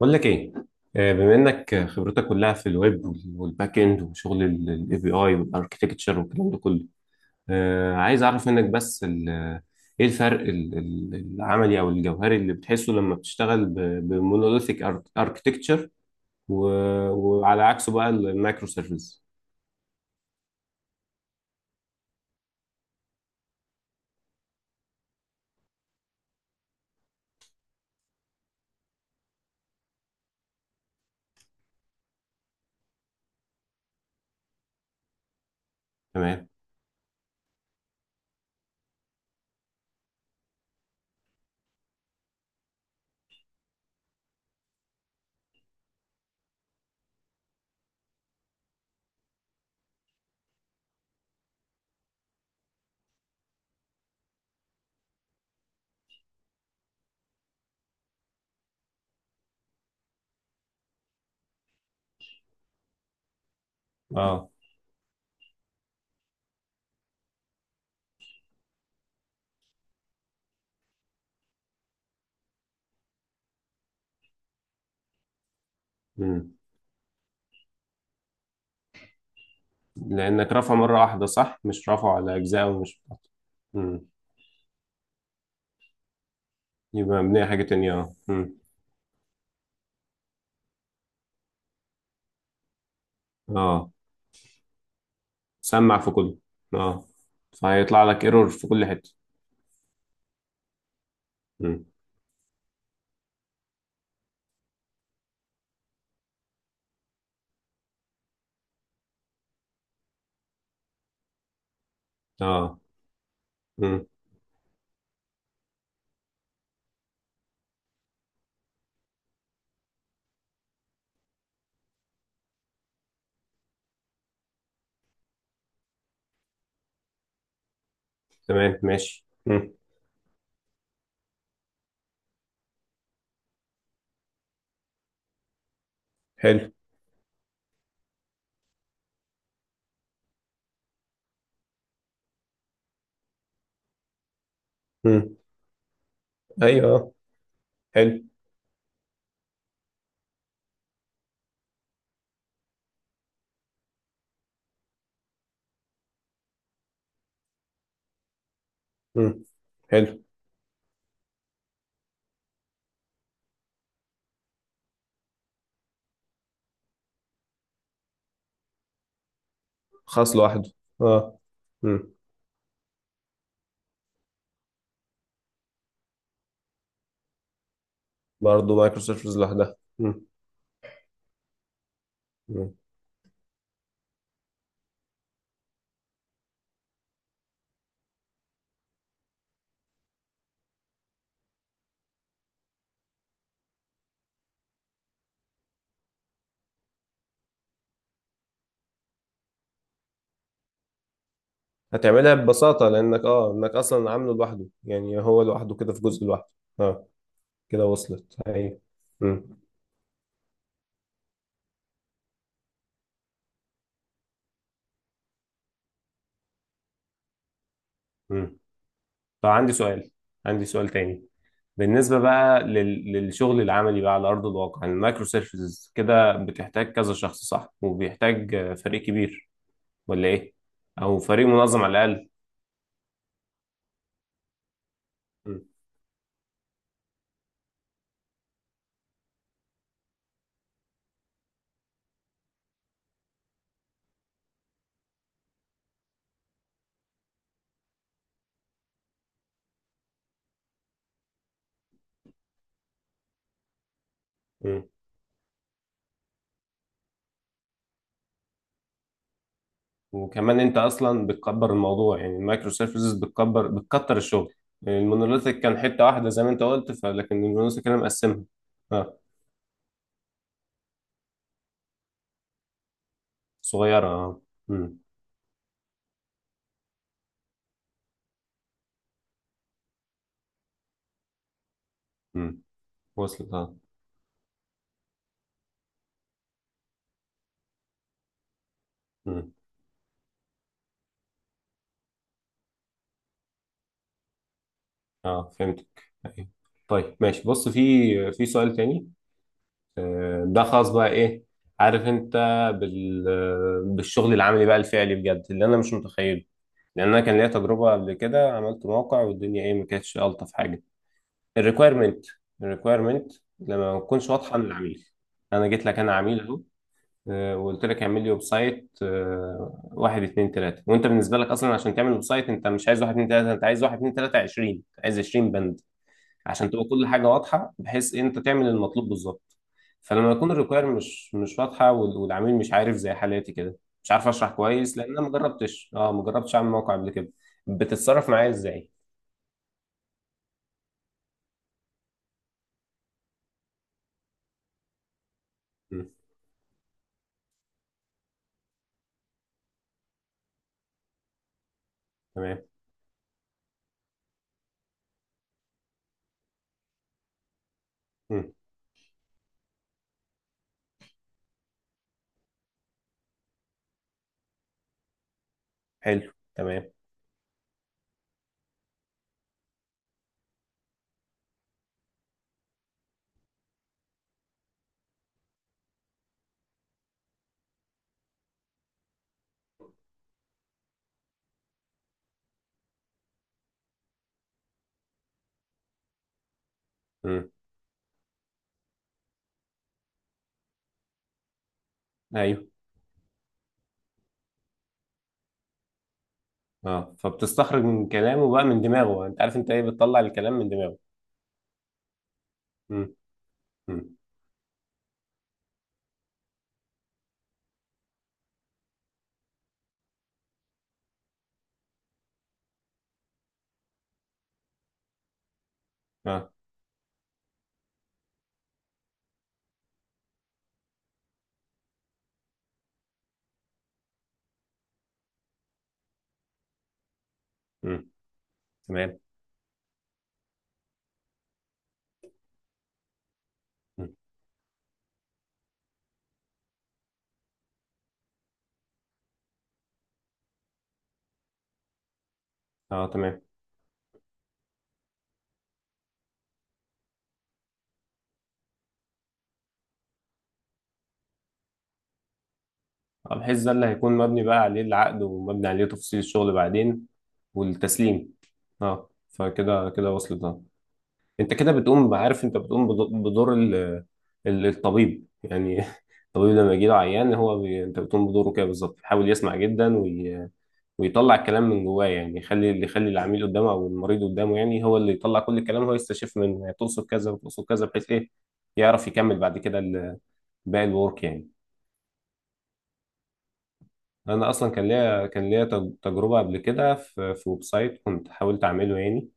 بقول لك ايه. بما انك خبرتك كلها في الويب وال- والباك اند وشغل الاي بي اي والاركتكتشر والكلام ده كله. عايز اعرف منك بس ايه الفرق العملي او الجوهري اللي بتحسه لما بتشتغل بمونوليثيك اركتكتشر، وعلى عكسه بقى المايكرو سيرفيس. تمام، اه. مم. لانك رافعه مره واحده، صح؟ مش رافعه على اجزاء. ومش امم يبقى مبنيه حاجه تانية. اه مم. اه، سمع في كله. اه، فهيطلع لك ايرور في كل حته. مم. اه مم. تمام، ماشي. مم. حلو. مم. ايوه آه. حلو. مم. حلو، خاص لوحده. اه مم. برضه مايكرو سيرفيس لوحدها. مم. مم. هتعملها ببساطه لانك اه، انك اصلا عامله لوحده، يعني هو لوحده كده في جزء لوحده. اه، كده وصلت. ايوه. مم. مم. طب عندي سؤال، عندي سؤال تاني. بالنسبة بقى للشغل العملي بقى على أرض الواقع، يعني المايكرو سيرفيسز كده بتحتاج كذا شخص، صح؟ وبيحتاج فريق كبير ولا إيه؟ أو فريق منظم على الأقل. م- م. وكمان أنت أصلا بتكبر الموضوع، يعني المايكرو سيرفيسز بتكبر، بتكتر الشغل. المونوليثيك كان حتة واحدة زي ما أنت قلت، فلكن المونوليثيك أنا مقسمها. أه صغيرة، أه. م- م. وصلت أه. م. أه فهمتك. أيوة. طيب ماشي، بص، في سؤال تاني ده خاص بقى ايه، عارف انت، بال... بالشغل العملي بقى الفعلي بجد اللي انا مش متخيله. لان انا كان ليا تجربه قبل كده، عملت موقع والدنيا ايه، ما كانتش الطف حاجه. الريكويرمنت الريكويرمنت لما ما تكونش واضحه للعميل. انا جيت لك انا عميل اهو. وقلت لك اعمل لي ويب سايت، واحد اتنين تلاته، وانت بالنسبه لك اصلا عشان تعمل ويب سايت انت مش عايز واحد اتنين تلاته، انت عايز واحد اتنين تلاته 20، عايز 20 بند عشان تبقى كل حاجه واضحه، بحيث إيه، انت تعمل المطلوب بالظبط. فلما يكون الريكوير مش واضحه وال- والعميل مش عارف زي حالاتي كده، مش عارف اشرح كويس لان انا ما جربتش، اه، ما جربتش اعمل موقع قبل كده، بتتصرف معايا ازاي؟ مم. تمام. مم. حلو تمام. مم. ايوه. اه، فبتستخرج من كلامه بقى، من دماغه، انت عارف انت ايه، بتطلع الكلام من دماغه. مم. مم. اه مم. تمام. مم. اه تمام، بحيث ده اللي هيكون مبني بقى عليه العقد ومبني عليه تفصيل الشغل بعدين والتسليم. اه فكده كده وصلت اه. انت كده بتقوم، عارف انت بتقوم بدور الطبيب، يعني الطبيب لما يجي له عيان هو بي... انت بتقوم بدوره كده بالظبط، يحاول يسمع جدا وي... ويطلع الكلام من جواه، يعني يخلي اللي يخلي العميل قدامه او المريض قدامه يعني هو اللي يطلع كل الكلام، هو يستشف من تقصد كذا وتقصد كذا بحيث ايه يعرف يكمل بعد كده باقي الورك يعني. انا اصلا كان ليا تجربه قبل كده في ويب سايت، كنت حاولت اعمله يعني.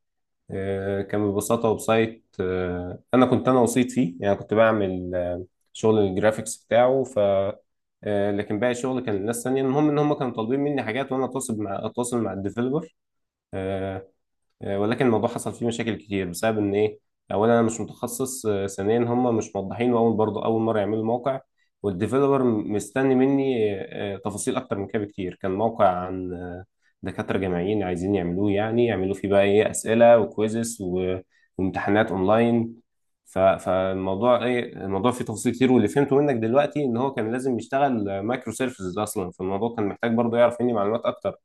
كان ببساطه ويب سايت، انا كنت انا وسيط فيه يعني، كنت بعمل شغل الجرافيكس بتاعه. ف لكن باقي الشغل كان للناس تانية. المهم ان هم كانوا طالبين مني حاجات، وانا اتواصل مع الديفلوبر. ولكن الموضوع حصل فيه مشاكل كتير بسبب ان ايه، اولا انا مش متخصص، ثانيا هم مش موضحين، واول برضه اول مره يعملوا موقع، والديفيلوبر مستني مني تفاصيل اكتر من كده بكتير. كان موقع عن دكاتره جامعيين عايزين يعملوه، يعني يعملوا فيه بقى ايه اسئله وكويزز و- وامتحانات اونلاين. ف- فالموضوع ايه، الموضوع فيه تفاصيل كتير، واللي فهمته منك دلوقتي ان هو كان لازم يشتغل مايكرو سيرفيسز اصلا. فالموضوع كان محتاج برضه يعرف مني معلومات اكتر،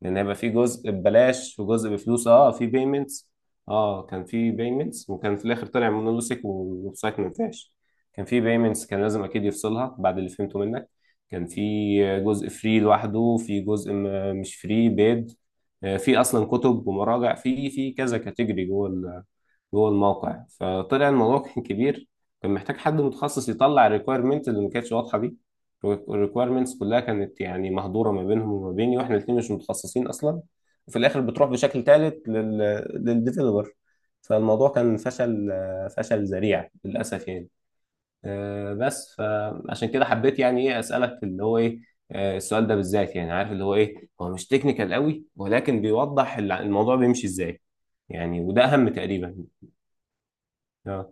لان هيبقى في جزء ببلاش وجزء بفلوس، اه في بيمنتس. اه كان في بيمنتس، وكان في الاخر طلع مونولوسيك والويب سايت ما ينفعش. كان في بيمنتس، كان لازم اكيد يفصلها بعد اللي فهمته منك. كان في جزء فري لوحده، في جزء مش فري بيد. في اصلا كتب ومراجع في كذا كاتيجوري جوه، جوه الموقع. فطلع الموضوع كان كبير، كان محتاج حد متخصص يطلع الريكويرمنت اللي ما كانتش واضحه دي. الريكويرمنتس كلها كانت يعني مهدوره ما بينهم وما بيني، واحنا الاثنين مش متخصصين اصلا. وفي الاخر بتروح بشكل ثالث لل للديفلوبر. فالموضوع كان فشل، فشل ذريع للاسف يعني. بس فعشان كده حبيت يعني ايه اسالك اللي هو ايه، السؤال ده بالذات، يعني عارف اللي هو ايه، هو مش تكنيكال قوي ولكن بيوضح الع- الموضوع بيمشي ازاي يعني، وده اهم تقريبا. اه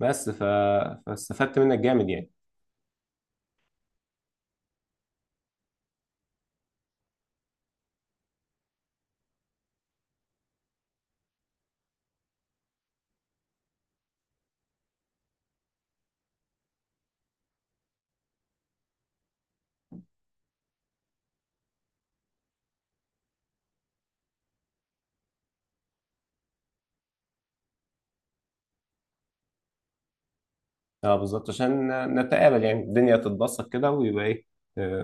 بس ف... فاستفدت منك جامد يعني. اه بالظبط، عشان نتقابل يعني، الدنيا تتبسط كده ويبقى ايه، آه،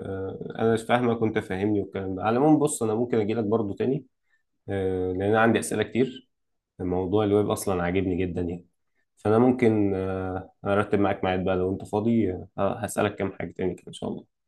انا مش فاهمك وانت فاهمني والكلام ده. على العموم بص، انا ممكن اجي لك برضه تاني، لان انا عندي اسئله كتير، موضوع الويب اصلا عاجبني جدا يعني. فانا ممكن ارتب معاك ميعاد بقى لو انت فاضي، هسالك كام حاجه تاني كده ان شاء الله.